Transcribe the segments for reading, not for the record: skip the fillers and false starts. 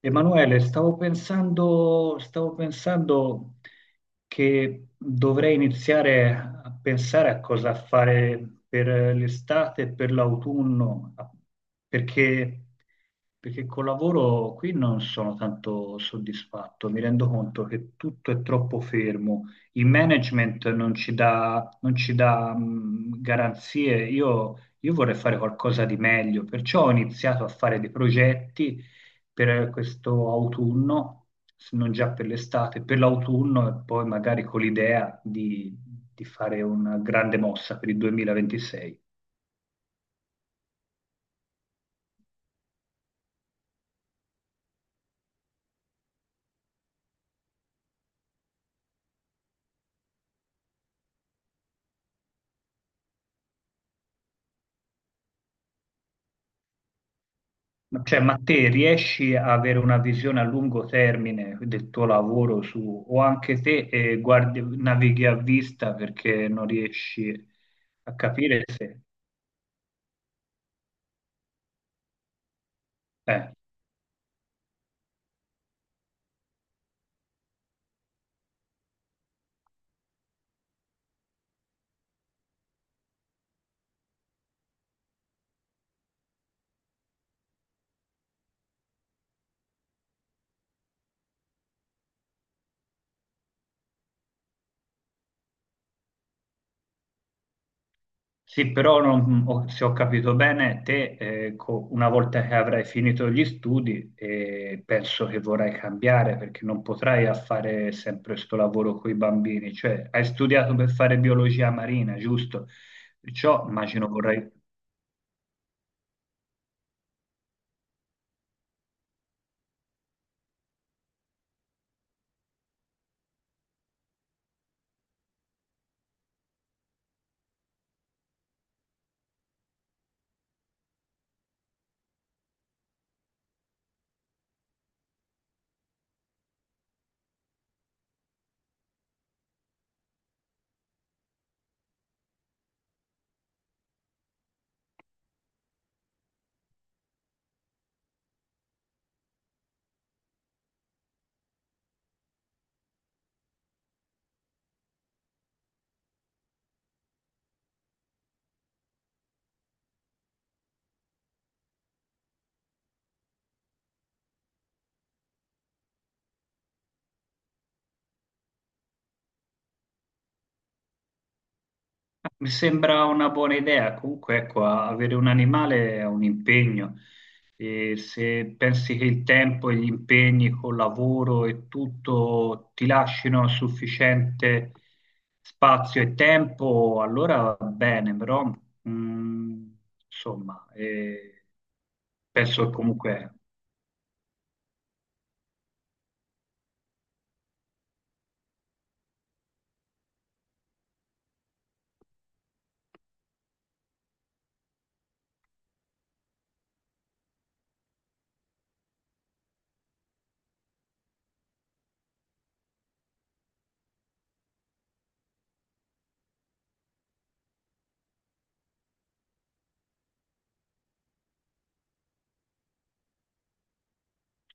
Emanuele, stavo pensando che dovrei iniziare a pensare a cosa fare per l'estate e per l'autunno, perché, perché col lavoro qui non sono tanto soddisfatto, mi rendo conto che tutto è troppo fermo, il management non ci dà, garanzie, io vorrei fare qualcosa di meglio, perciò ho iniziato a fare dei progetti per questo autunno, se non già per l'estate, per l'autunno e poi magari con l'idea di fare una grande mossa per il 2026. Ma, cioè, ma te riesci a avere una visione a lungo termine del tuo lavoro su, o anche te navighi a vista perché non riesci a capire se... eh. Sì, però se ho capito bene, te una volta che avrai finito gli studi, penso che vorrai cambiare perché non potrai a fare sempre questo lavoro con i bambini. Cioè, hai studiato per fare biologia marina, giusto? Perciò immagino vorrai... Mi sembra una buona idea, comunque ecco, avere un animale è un impegno e se pensi che il tempo e gli impegni col lavoro e tutto ti lasciano sufficiente spazio e tempo, allora va bene, però mh, insomma, penso che comunque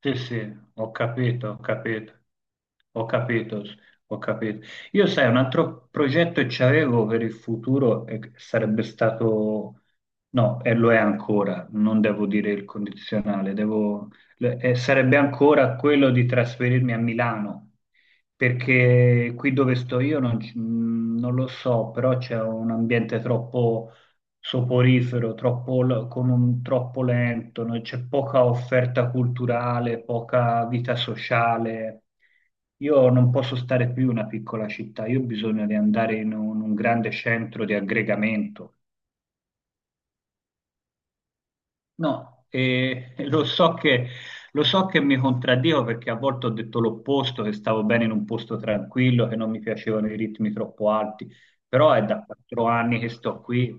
Sì, sì, ho capito, ho capito, ho capito, ho capito. Io sai, un altro progetto che c'avevo per il futuro e che sarebbe stato, no, e lo è ancora, non devo dire il condizionale, devo, e sarebbe ancora quello di trasferirmi a Milano, perché qui dove sto io non, non lo so, però c'è un ambiente troppo soporifero, troppo, troppo lento, no? C'è poca offerta culturale, poca vita sociale. Io non posso stare più in una piccola città, io ho bisogno di andare in un grande centro di aggregamento. No, e lo so che mi contraddico perché a volte ho detto l'opposto, che stavo bene in un posto tranquillo, che non mi piacevano i ritmi troppo alti, però è da 4 anni che sto qui.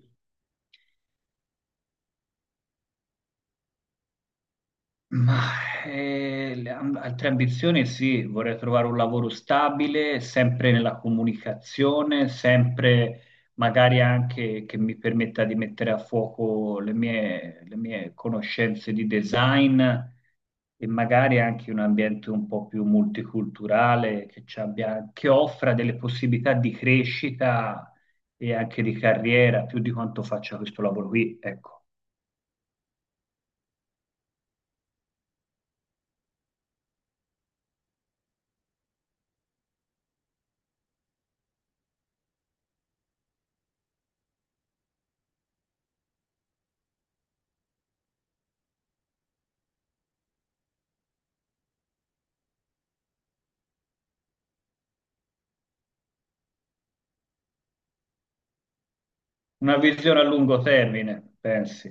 Ma altre ambizioni sì, vorrei trovare un lavoro stabile, sempre nella comunicazione, sempre magari anche che mi permetta di mettere a fuoco le mie conoscenze di design e magari anche un ambiente un po' più multiculturale che offra delle possibilità di crescita e anche di carriera, più di quanto faccia questo lavoro qui, ecco. Una visione a lungo termine, pensi.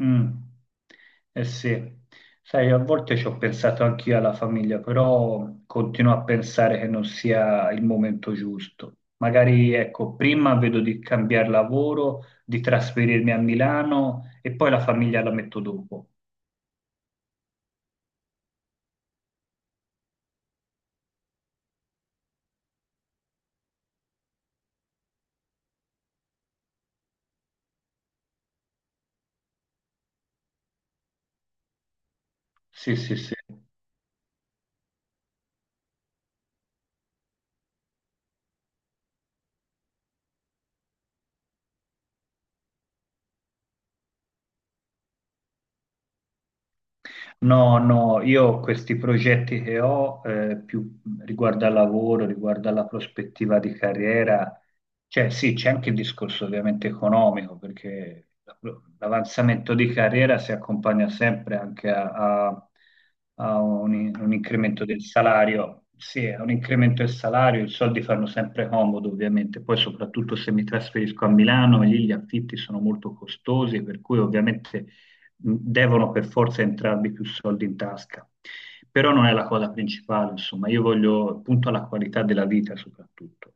Mm. Eh sì, sai, a volte ci ho pensato anch'io alla famiglia, però continuo a pensare che non sia il momento giusto. Magari, ecco, prima vedo di cambiare lavoro, di trasferirmi a Milano e poi la famiglia la metto dopo. Sì, sì, sì. No, no, io questi progetti che ho, più riguardo al lavoro, riguardo alla prospettiva di carriera, cioè sì, c'è anche il discorso ovviamente economico, perché l'avanzamento di carriera si accompagna sempre anche a, a- a un incremento del salario. Sì, a un incremento del salario, i soldi fanno sempre comodo, ovviamente. Poi, soprattutto se mi trasferisco a Milano, lì gli affitti sono molto costosi, per cui ovviamente devono per forza entrarvi più soldi in tasca, però non è la cosa principale, insomma, io voglio punto alla qualità della vita soprattutto.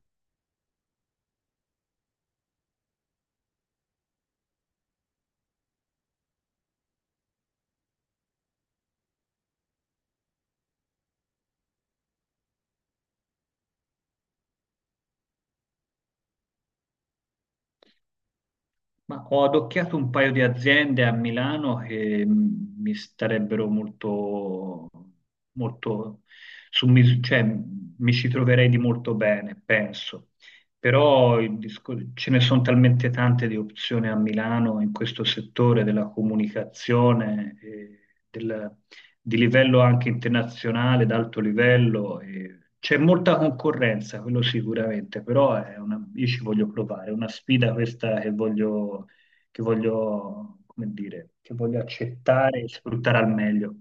Ma ho adocchiato un paio di aziende a Milano che mi starebbero molto, molto cioè, mi ci troverei di molto bene, penso. Però ce ne sono talmente tante di opzioni a Milano in questo settore della comunicazione, e del- di livello anche internazionale, d'alto livello. E c'è molta concorrenza, quello sicuramente, però io ci voglio provare, è una sfida questa che voglio, come dire, che voglio accettare e sfruttare al meglio.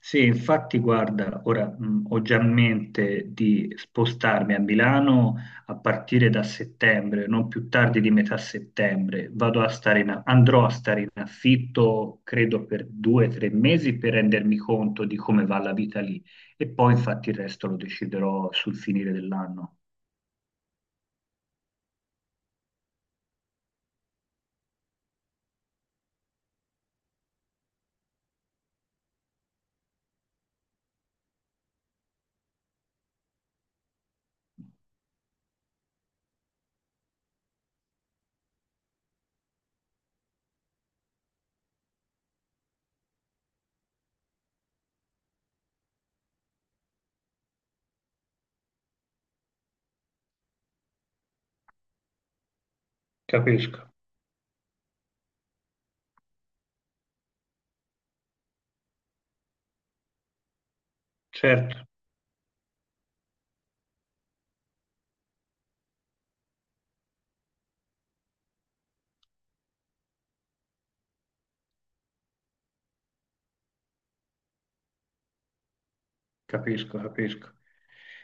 Sì, infatti, guarda, ora ho già in mente di spostarmi a Milano a partire da settembre, non più tardi di metà settembre. Vado a stare in, andrò a stare in affitto, credo, per 2 o 3 mesi per rendermi conto di come va la vita lì. E poi, infatti, il resto lo deciderò sul finire dell'anno. Capisco, certo. Capisco, capisco.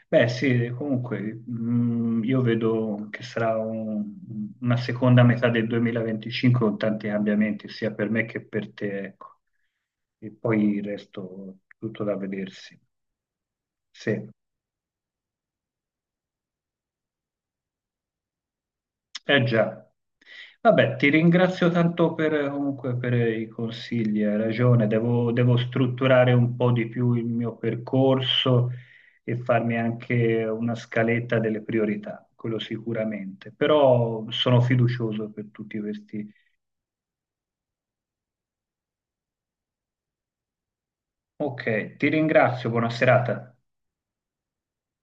Beh, sì, comunque, io vedo che una seconda metà del 2025 con tanti cambiamenti, sia per me che per te, ecco. E poi il resto tutto da vedersi. Sì. Eh già. Vabbè, ti ringrazio tanto per, comunque, per i consigli, hai ragione, devo, devo strutturare un po' di più il mio percorso e farmi anche una scaletta delle priorità, quello sicuramente, però sono fiducioso per tutti questi. Ok, ti ringrazio, buona serata.